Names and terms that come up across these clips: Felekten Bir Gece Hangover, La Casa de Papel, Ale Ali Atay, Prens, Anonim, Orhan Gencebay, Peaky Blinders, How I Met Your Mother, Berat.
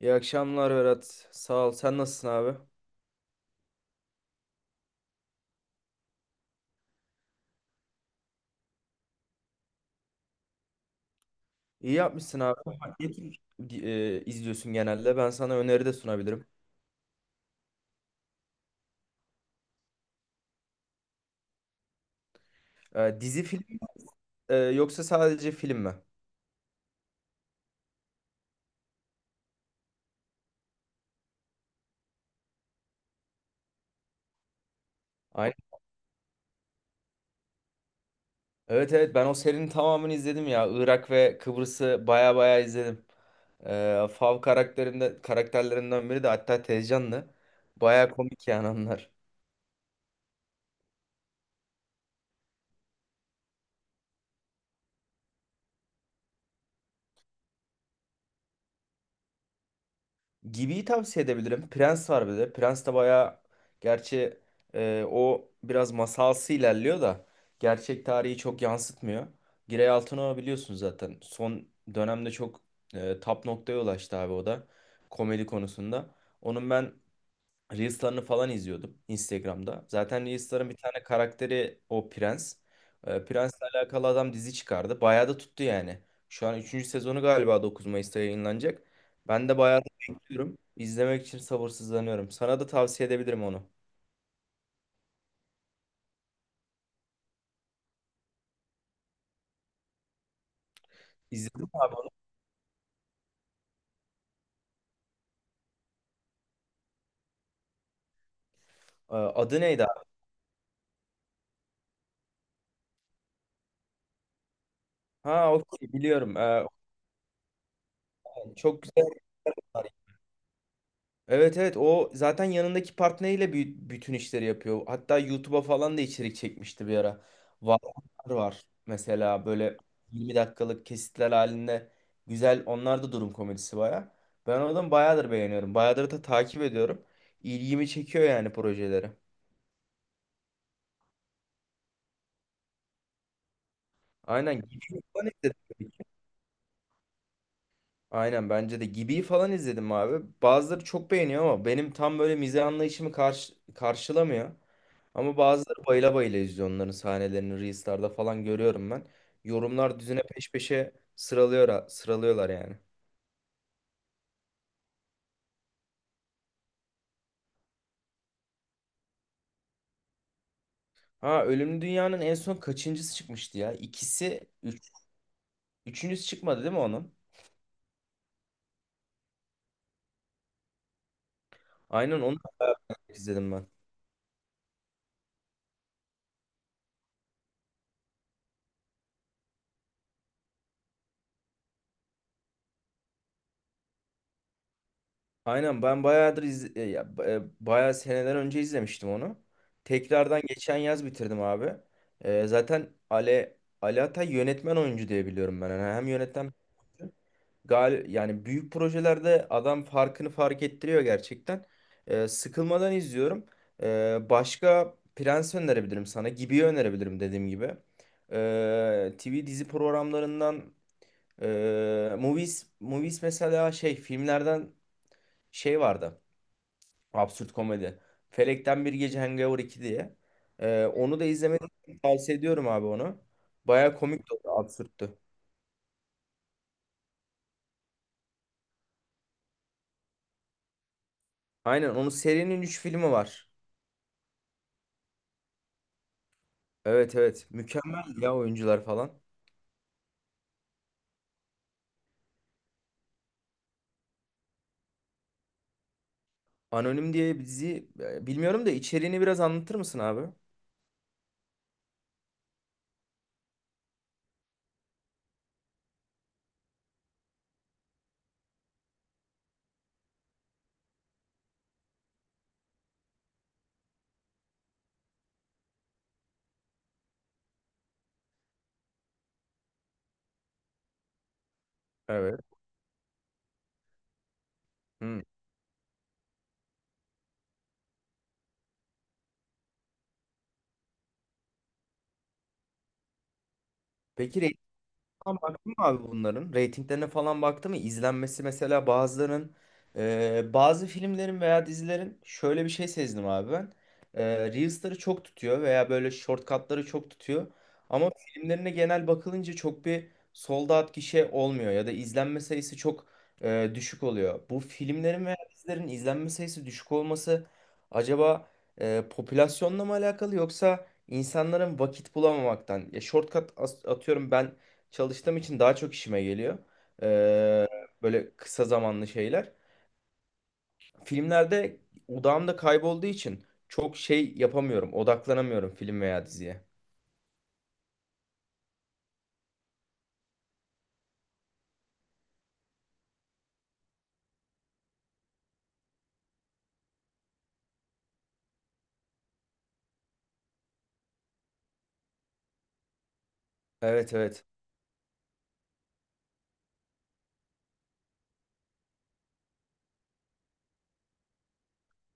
İyi akşamlar Berat. Sağ ol. Sen nasılsın abi? İyi yapmışsın abi. Ne tür izliyorsun genelde? Ben sana öneri de sunabilirim. Dizi film yoksa sadece film mi? Aynen. Evet, evet, ben o serinin tamamını izledim ya. Irak ve Kıbrıs'ı baya baya izledim. Fav karakterlerinden biri de hatta Tezcan'dı. Baya komik yani onlar. Gibi'yi tavsiye edebilirim. Prens var bir de. Prens de bayağı, gerçi o biraz masalsı ilerliyor da gerçek tarihi çok yansıtmıyor. Giray Altınok'u biliyorsunuz zaten. Son dönemde çok tap noktaya ulaştı abi o da komedi konusunda. Onun ben Reels'larını falan izliyordum Instagram'da. Zaten Reels'ların bir tane karakteri o Prens. Prens'le alakalı adam dizi çıkardı. Bayağı da tuttu yani. Şu an üçüncü sezonu galiba 9 Mayıs'ta yayınlanacak. Ben de bayağı da bekliyorum. İzlemek için sabırsızlanıyorum. Sana da tavsiye edebilirim onu. İzledim. Adı neydi abi? Ha, okey, biliyorum. Çok güzel. Evet, evet, o zaten yanındaki partneriyle bütün işleri yapıyor. Hatta YouTube'a falan da içerik çekmişti bir ara. Varlar var mesela, böyle 20 dakikalık kesitler halinde, güzel onlar da, durum komedisi baya. Ben o adamı bayağıdır beğeniyorum. Bayağıdır da takip ediyorum. İlgimi çekiyor yani projeleri. Aynen. Aynen, bence de. Gibi'yi falan izledim abi. Bazıları çok beğeniyor ama benim tam böyle mizah anlayışımı karşılamıyor. Ama bazıları bayıla bayıla izliyor, onların sahnelerini Reels'larda falan görüyorum ben. Yorumlar düzine peş peşe sıralıyorlar yani. Ha, Ölümlü Dünya'nın en son kaçıncısı çıkmıştı ya? İkisi, üçüncüsü çıkmadı değil mi onun? Aynen, onu da izledim ben. Aynen, ben bayağıdır iz e, ya, ba- e, bayağı seneden önce izlemiştim onu. Tekrardan geçen yaz bitirdim abi. Zaten Ali Atay yönetmen oyuncu diye biliyorum ben. Yani hem yönetmen, yani büyük projelerde adam farkını fark ettiriyor gerçekten. Sıkılmadan izliyorum. Başka Prens önerebilirim sana. Gibi'yi önerebilirim dediğim gibi. TV dizi programlarından, Movies mesela, şey, filmlerden şey vardı. Absürt komedi. Felekten Bir Gece, Hangover 2 diye. Onu da izlemeni tavsiye ediyorum abi onu. Baya komik de oldu, absürttü. Aynen, onun serinin 3 filmi var. Evet, evet. Mükemmel ya, oyuncular falan. Anonim diye bir dizi, bilmiyorum da içeriğini biraz anlatır mısın abi? Evet. Hı. Peki. Ama baktın mı abi bunların? Ratinglerine falan baktı mı? İzlenmesi mesela bazılarının, bazı filmlerin veya dizilerin, şöyle bir şey sezdim abi ben. E, Reels'ları çok tutuyor veya böyle shortcut'ları çok tutuyor. Ama filmlerine genel bakılınca çok bir sold out gişe olmuyor, ya da izlenme sayısı çok düşük oluyor. Bu filmlerin veya dizilerin izlenme sayısı düşük olması acaba popülasyonla mı alakalı, yoksa insanların vakit bulamamaktan? Ya, shortcut, atıyorum ben çalıştığım için daha çok işime geliyor. Ee, Böyle kısa zamanlı şeyler. Filmlerde odağımda kaybolduğu için çok şey yapamıyorum. Odaklanamıyorum film veya diziye. Evet, evet.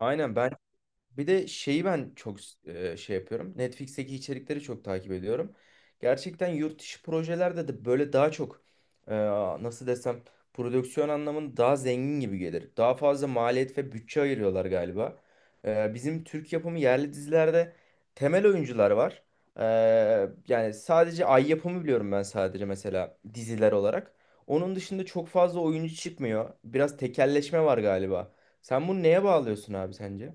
Aynen. Ben bir de şeyi ben çok şey yapıyorum. Netflix'teki içerikleri çok takip ediyorum. Gerçekten yurt dışı projelerde de böyle daha çok, e, nasıl desem, prodüksiyon anlamında daha zengin gibi gelir. Daha fazla maliyet ve bütçe ayırıyorlar galiba. Bizim Türk yapımı yerli dizilerde temel oyuncular var. E, Yani sadece Ay yapımı biliyorum ben, sadece mesela diziler olarak. Onun dışında çok fazla oyuncu çıkmıyor. Biraz tekelleşme var galiba. Sen bunu neye bağlıyorsun abi, sence?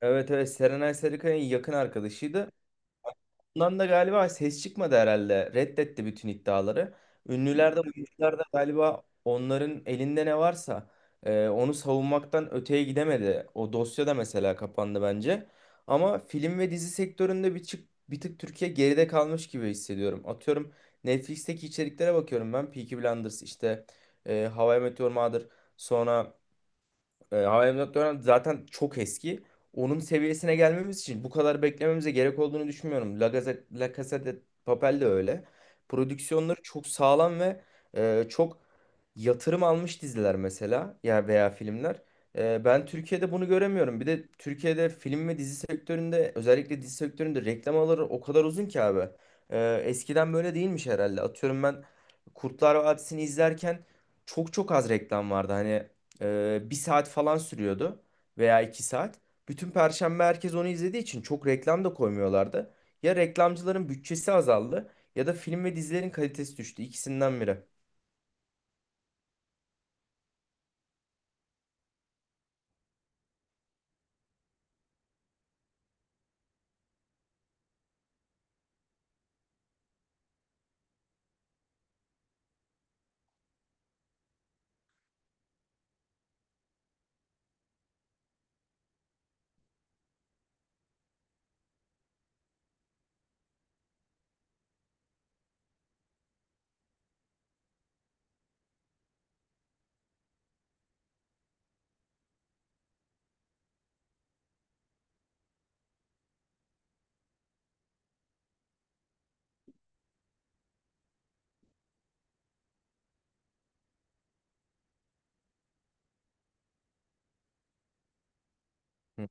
Evet, evet, Serenay Sarıkaya'nın yakın arkadaşıydı. Bundan da galiba ses çıkmadı herhalde. Reddetti bütün iddiaları. Ünlüler de oyuncular da galiba, onların elinde ne varsa onu savunmaktan öteye gidemedi. O dosya da mesela kapandı bence. Ama film ve dizi sektöründe bir tık Türkiye geride kalmış gibi hissediyorum. Atıyorum, Netflix'teki içeriklere bakıyorum ben. Peaky Blinders işte, How I Met Your Mother, sonra How I Met Your Mother zaten çok eski. Onun seviyesine gelmemiz için bu kadar beklememize gerek olduğunu düşünmüyorum. La Casa de Papel de öyle. Prodüksiyonları çok sağlam ve çok yatırım almış diziler mesela, ya veya filmler. Ben Türkiye'de bunu göremiyorum. Bir de Türkiye'de film ve dizi sektöründe, özellikle dizi sektöründe, reklam alırı o kadar uzun ki abi. Eskiden böyle değilmiş herhalde. Atıyorum, ben Kurtlar Vadisi'ni izlerken çok çok az reklam vardı. Hani, bir saat falan sürüyordu veya iki saat. Bütün Perşembe herkes onu izlediği için çok reklam da koymuyorlardı. Ya reklamcıların bütçesi azaldı, ya da film ve dizilerin kalitesi düştü. İkisinden biri. Hı.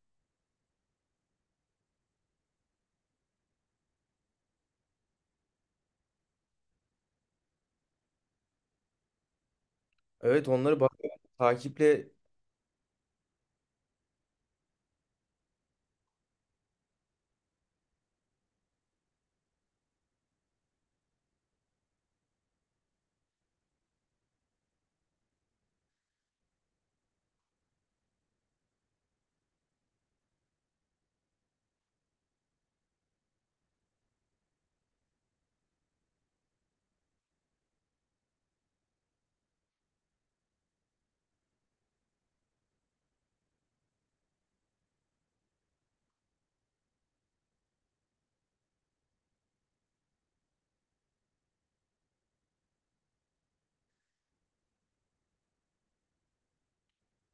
Evet, onları bak, takiple.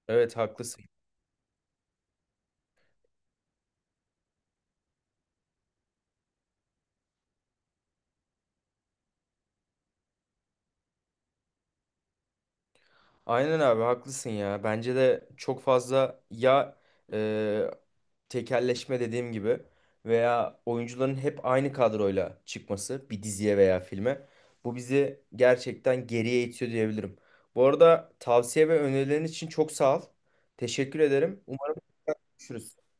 Evet, haklısın. Aynen abi, haklısın ya. Bence de çok fazla ya, e, tekelleşme dediğim gibi, veya oyuncuların hep aynı kadroyla çıkması bir diziye veya filme, bu bizi gerçekten geriye itiyor diyebilirim. Bu arada, tavsiye ve önerilerin için çok sağ ol. Teşekkür ederim. Umarım görüşürüz.